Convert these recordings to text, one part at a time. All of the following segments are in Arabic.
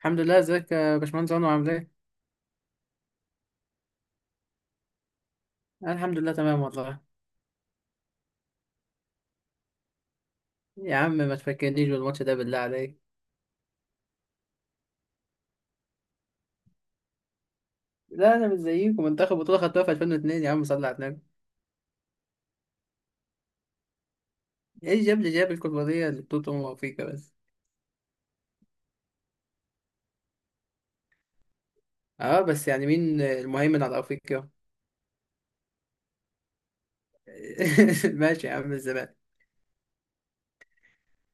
الحمد لله، ازيك يا باشمهندس عمر؟ عامل ايه؟ أنا الحمد لله تمام والله. يا عم ما تفكرنيش بالماتش ده بالله عليك. لا انا مش زيكم، منتخب بطولة خدتوها في 2002، يا عم صلي على النبي. ايه جاب لي الكوبارية اللي بطولة افريقيا بس. اه بس يعني مين المهيمن على افريقيا؟ ماشي يا عم الزمان.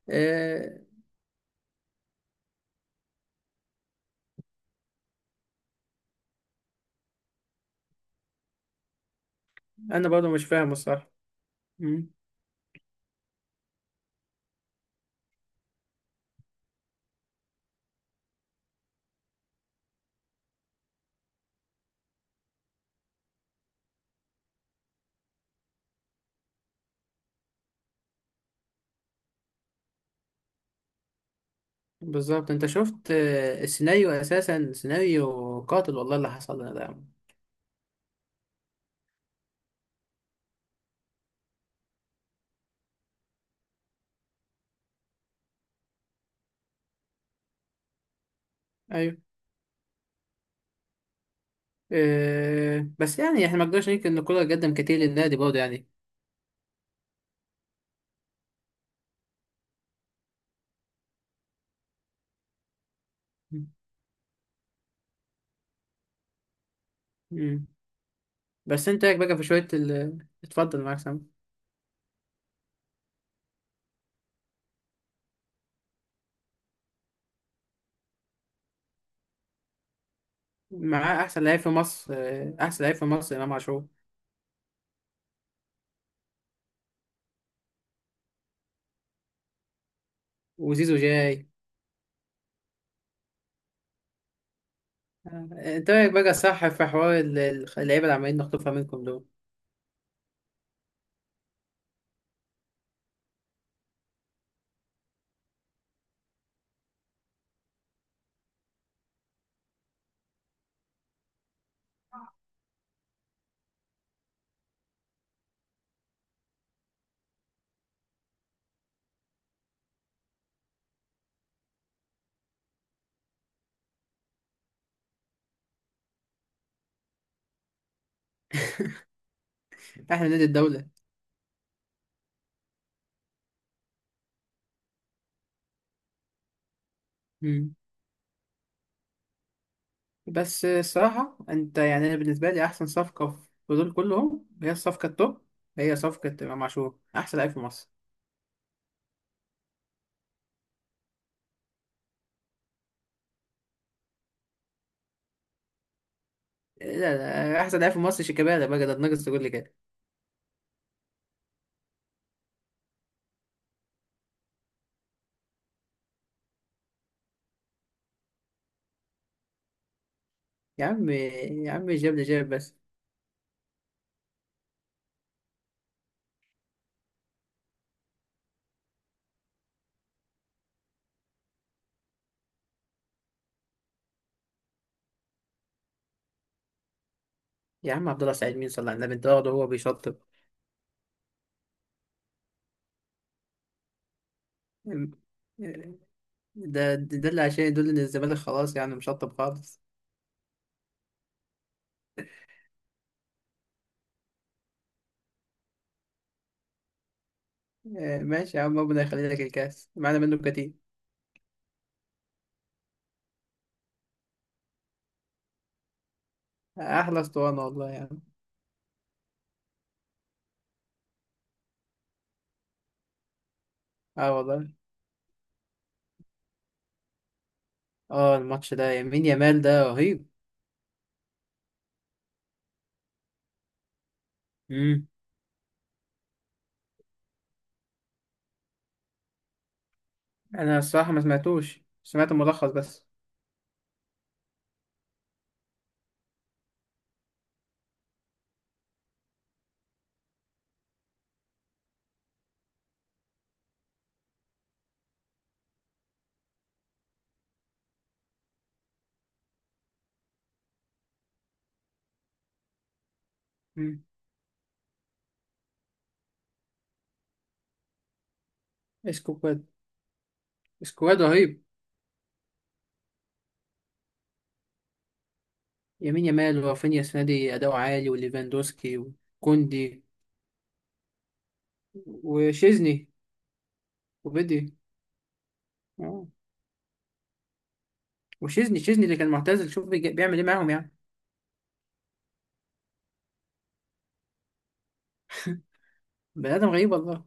آه انا برضه مش فاهم الصراحة. مم، بالظبط انت شفت، السيناريو اساسا سيناريو قاتل، والله اللي حصل لنا ده يا عم. ايوه، آه بس يعني احنا ما نقدرش ننكر ان الكورة قدم كتير للنادي برضه يعني. مم. بس انت ايه رايك بقى في شويه اتفضل معاك سامي. معاه احسن لعيب في مصر، احسن لعيب في مصر امام عاشور. وزيزو جاي. آه، انت رايك بقى صح في حوار اللعيبه اللي عمالين نخطفها منكم دول. احنا نادي الدوله. مم. بس، الصراحه انت يعني انا بالنسبه لي احسن صفقه في دول كلهم هي الصفقه التوب، هي صفقه امام عاشور احسن لعيب في مصر. لا لا، احسن لعيب في مصر شيكابالا، بقى ده ناقص تقول لي كده. يا عم يا عم، جاب لي بس. يا عم عبد الله سعيد مين؟ صلى على النبي انت واخده هو بيشطب. ده ده اللي عشان يدل ان الزمالك خلاص يعني مشطب خالص. ماشي يا عم، ربنا يخلي لك الكاس معانا منه كتير. احلى اسطوانه والله يا عم. اه والله. اه الماتش ده، يمين يامال ده رهيب. مم. انا الصراحه ما سمعتوش، سمعت الملخص بس. مم. اسكواد. اسكواد رهيب. يمين يامال ورافينيا السنه دي اداؤه عالي، وليفاندوسكي وكوندي وشيزني وبدي. آه. وشيزني، شيزني اللي كان معتزل شوف بيعمل ايه معاهم يعني. بني ادم غريب والله.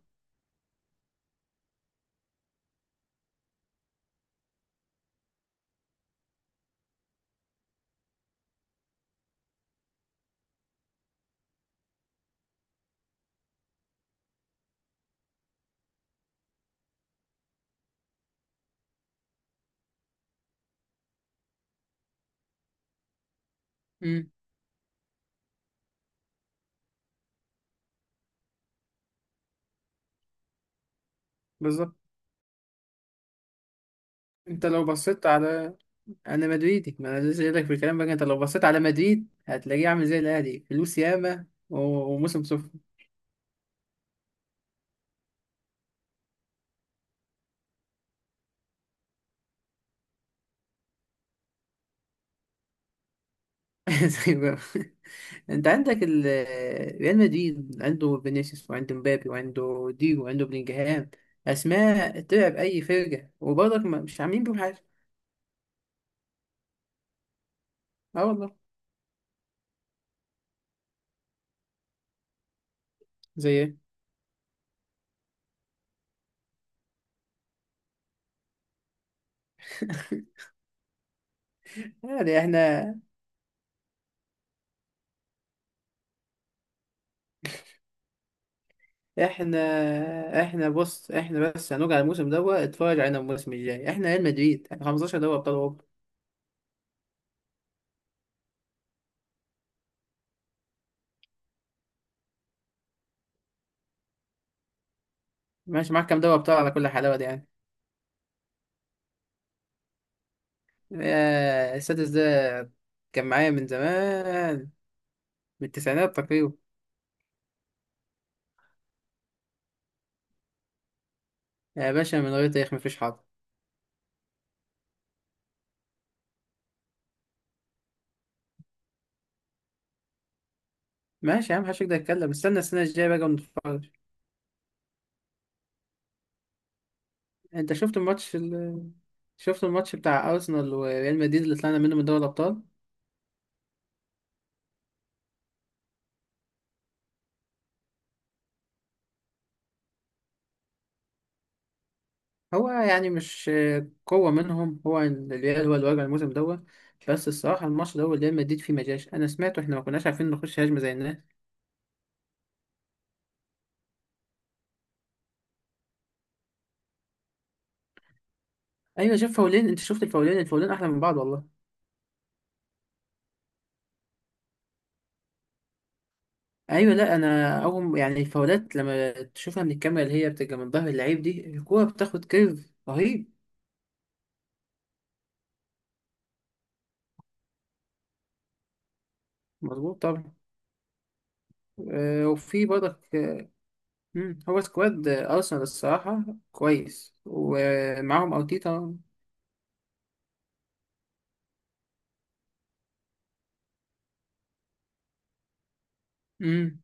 بالظبط. انت لو بصيت على، انا مدريدي، ما انا لسه جايلك في الكلام. بقى انت لو بصيت على مدريد هتلاقيه عامل زي الاهلي، فلوس ياما وموسم صفر. زي ما- انت عندك ريال مدريد عنده فينيسيوس، وعنده مبابي، وعنده ديجو، وعنده بلينجهام. اسماء تلعب اي فرقه وبرضك مش عاملين بيهم حاجه. اه والله. زي ايه؟ يعني احنا، احنا، احنا بص، احنا بس هنرجع الموسم دوت اتفرج علينا الموسم الجاي. احنا ريال مدريد، احنا 15 دوري ابطال اوروبا. ماشي، معاك كام دواء بتوع على كل حلاوة دي يعني؟ السادس ده كان معايا من زمان، من التسعينات تقريبا. يا باشا، من غير تاريخ مفيش حاضر. ماشي يا عم، محدش يقدر يتكلم، استنى السنة الجاية بقى ونتفرج. انت شفت الماتش شفت الماتش بتاع أرسنال وريال مدريد اللي طلعنا منه من دوري الأبطال؟ هو يعني مش، قوة منهم، هو الريال هو اللي واجع الموسم دوت. بس الصراحة الماتش ده هو ريال مدريد فيه مجاش، أنا سمعته، إحنا ما كناش عارفين نخش هجمة زي الناس. أيوة، شاف فاولين؟ أنت شفت الفاولين؟ الفاولين أحلى من بعض والله. ايوه، لا انا اول يعني الفاولات لما تشوفها من الكاميرا اللي هي بتبقى من ظهر اللعيب، دي الكوره بتاخد كيرف رهيب. مظبوط طبعا. أه، وفي برضك، هو سكواد، ارسنال الصراحه كويس، ومعاهم ارتيتا. مم.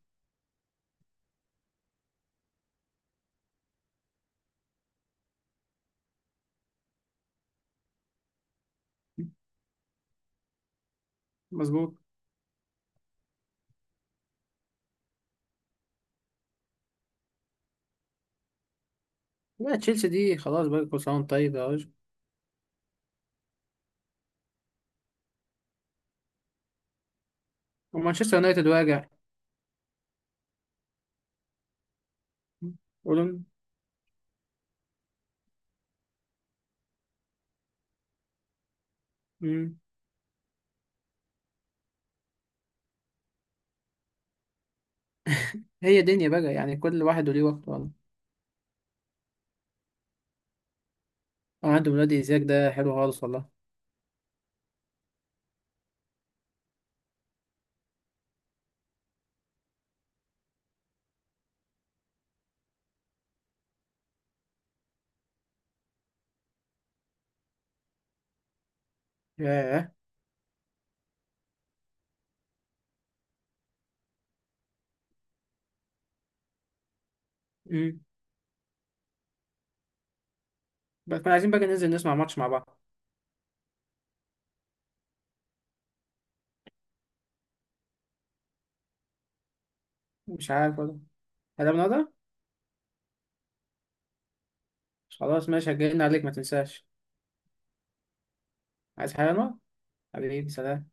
مظبوط. لا تشيلسي دي خلاص بقى، كل سنه وأنت طيب يا راجل. ومانشستر يونايتد واجع. قولون. هي دنيا بقى يعني، كل واحد وليه وقت والله. عنده ولاد، إيزاك ده حلو خالص والله. ياه. مم. بس كنا عايزين بقى ننزل نسمع ماتش مع بعض. مش عارف والله. هذا من هذا. خلاص ماشي، هجينا عليك ما تنساش. عايز حاجة يا أنور؟ حبيبي، سلام.